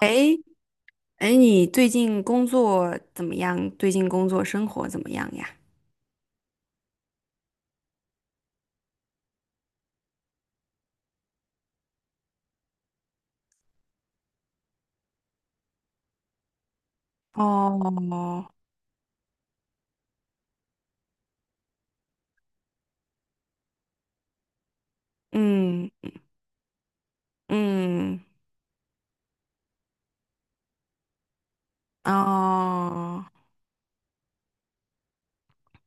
哎哎，你最近工作怎么样？最近工作生活怎么样呀？哦。嗯嗯。哦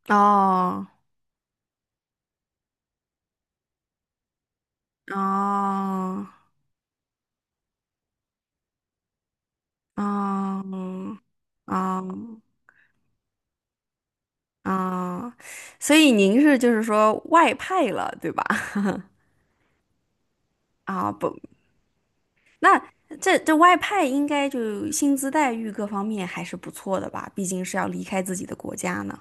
哦哦哦哦哦。所以您是就是说外派了，对吧？啊不，那这外派应该就薪资待遇各方面还是不错的吧？毕竟是要离开自己的国家呢。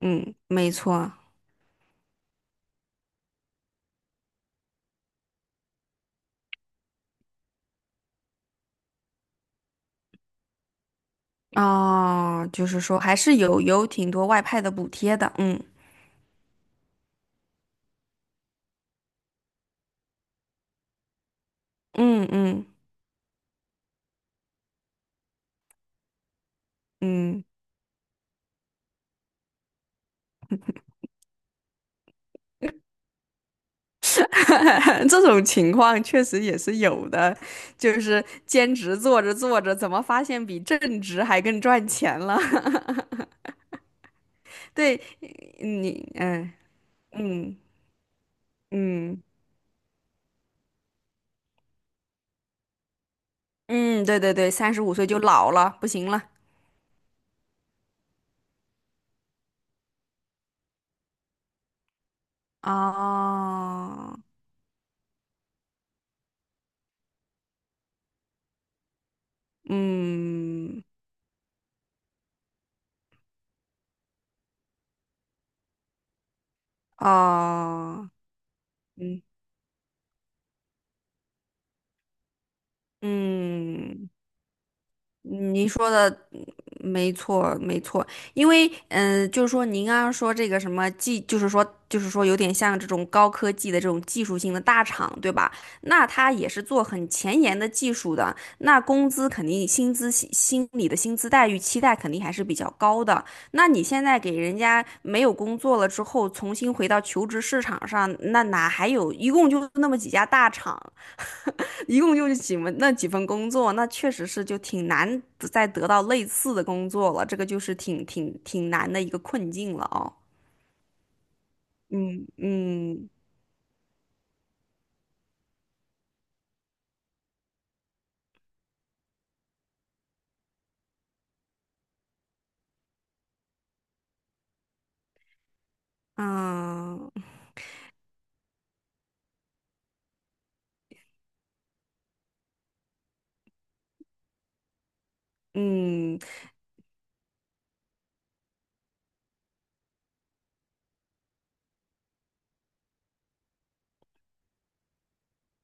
嗯，没错。哦，就是说还是有挺多外派的补贴的。嗯。嗯嗯嗯。这种情况确实也是有的，就是兼职做着做着，怎么发现比正职还更赚钱了？对。你嗯嗯嗯嗯。对对对，三十五岁就老了，不行了。哦。嗯。哦。嗯嗯。嗯您说的嗯没错，没错。因为就是说您刚刚说这个什么技，就是说有点像这种高科技的这种技术性的大厂，对吧？那他也是做很前沿的技术的，那工资肯定薪资心里的薪资待遇期待肯定还是比较高的。那你现在给人家没有工作了之后，重新回到求职市场上，那哪还有？一共就那么几家大厂。一共就是几份那几份工作，那确实是就挺难再得到类似的工作了，这个就是挺难的一个困境了哦。嗯嗯嗯嗯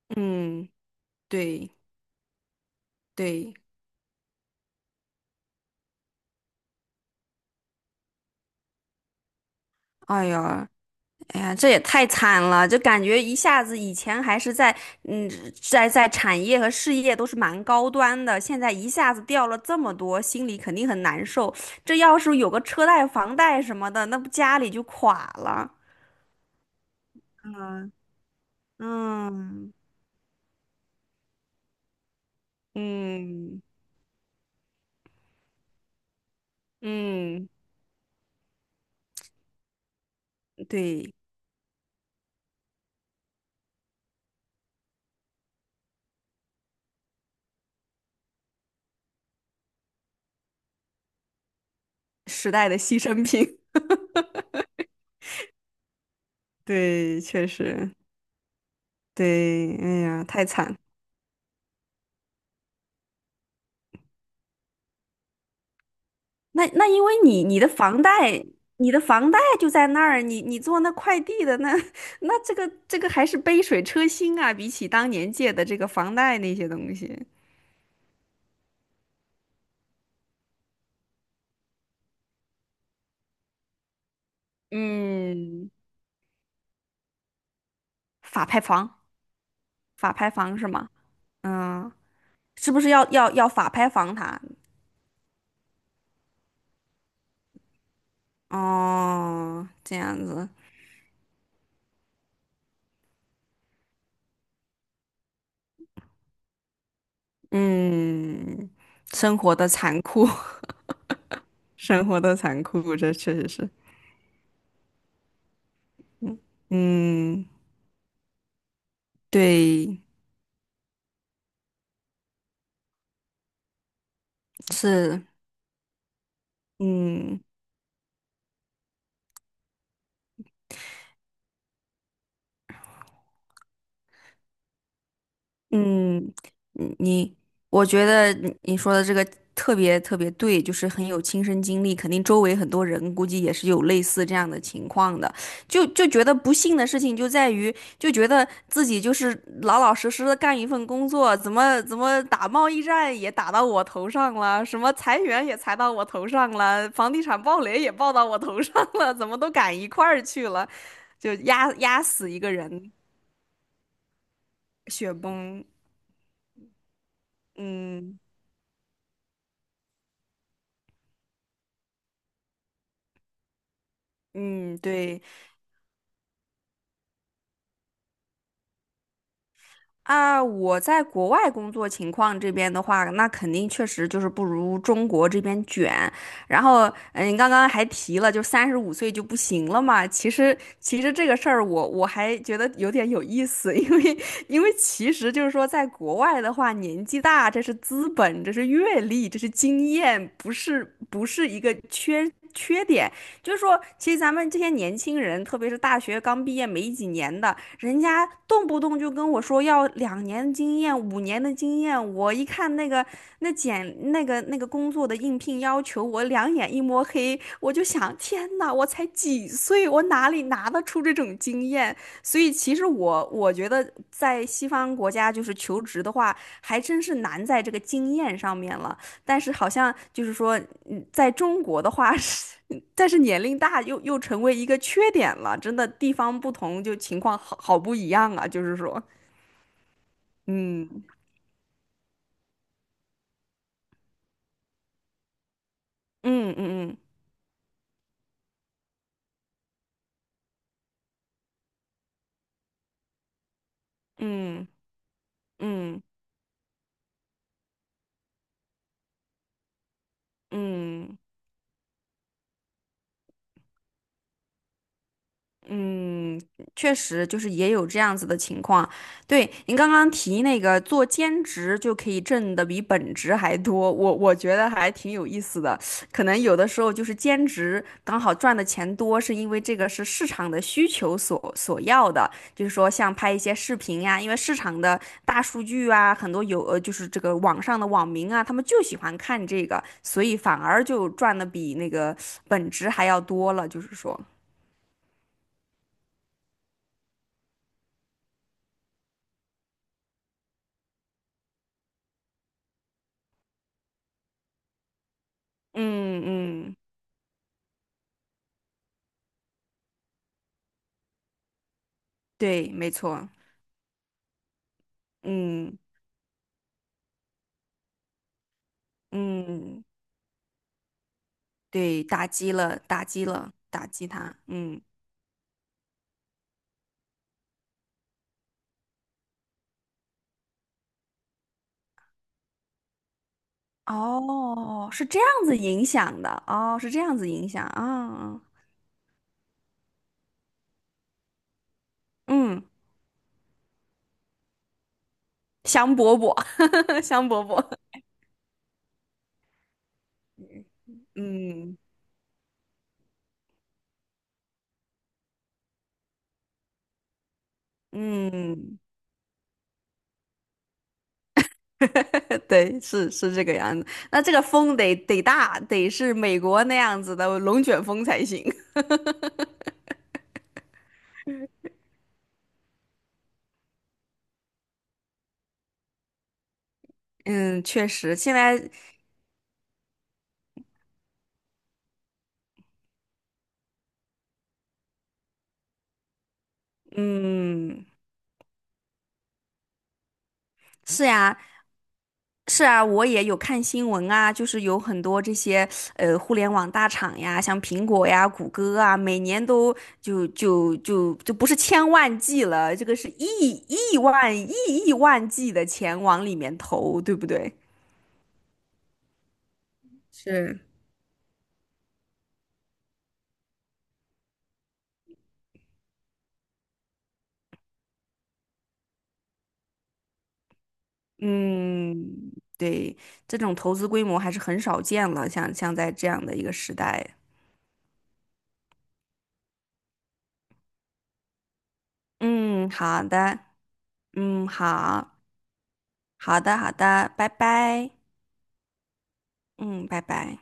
嗯。对对。哎呀。哎呀，这也太惨了，就感觉一下子以前还是嗯，在产业和事业都是蛮高端的，现在一下子掉了这么多，心里肯定很难受。这要是有个车贷、房贷什么的，那不家里就垮了。嗯嗯。嗯嗯。对。时代的牺牲品。对，确实。对，哎呀，太惨了。那因为你的房贷，你的房贷就在那儿，你做那快递的那 那这个还是杯水车薪啊，比起当年借的这个房贷那些东西。嗯。法拍房。法拍房是吗？嗯。是不是要法拍房它？哦，这样子。嗯。生活的残酷。生活的残酷，这确实是。嗯。对。是。嗯。嗯。嗯你，我觉得你说的这个特别特别对，就是很有亲身经历，肯定周围很多人估计也是有类似这样的情况的，就觉得不幸的事情就在于，就觉得自己就是老老实实的干一份工作，怎么打贸易战也打到我头上了，什么裁员也裁到我头上了，房地产暴雷也暴到我头上了，怎么都赶一块儿去了，就压死一个人。雪崩。嗯。嗯。对啊，我在国外工作情况这边的话，那肯定确实就是不如中国这边卷。然后，嗯，刚刚还提了，就三十五岁就不行了嘛。其实，这个事儿我还觉得有点有意思。因为其实就是说，在国外的话，年纪大这是资本，这是阅历，这是经验，不是一个缺点。就是说，其实咱们这些年轻人，特别是大学刚毕业没几年的，人家动不动就跟我说要2年的经验、5年的经验。我一看那个那简那个那个工作的应聘要求，我两眼一摸黑，我就想，天呐，我才几岁，我哪里拿得出这种经验？所以其实我觉得在西方国家，就是求职的话，还真是难在这个经验上面了。但是好像就是说，嗯在中国的话是，但是年龄大又成为一个缺点了，真的地方不同就情况好不一样啊，就是说。嗯嗯嗯嗯嗯嗯嗯。嗯嗯嗯嗯。确实就是也有这样子的情况。对，您刚刚提那个做兼职就可以挣的比本职还多，我觉得还挺有意思的。可能有的时候就是兼职刚好赚的钱多，是因为这个是市场的需求所要的，就是说像拍一些视频呀、因为市场的大数据啊，很多有就是这个网上的网民啊，他们就喜欢看这个，所以反而就赚的比那个本职还要多了，就是说。嗯嗯。对，没错。嗯嗯。对，打击了，打击了，打击他。嗯。哦，是这样子影响的。哦，是这样子影响啊。嗯。香饽饽。香饽饽。嗯嗯。对，是这个样子。那这个风得大，得是美国那样子的龙卷风才行。嗯，确实，现在。嗯。是呀。是啊，我也有看新闻啊，就是有很多这些互联网大厂呀，像苹果呀、谷歌啊，每年都就不是千万计了，这个是亿万亿亿万计的钱往里面投，对不对？是。嗯。对。这种投资规模还是很少见了，像在这样的一个时代。嗯，好的。嗯，好。好的，好的，拜拜。嗯，拜拜。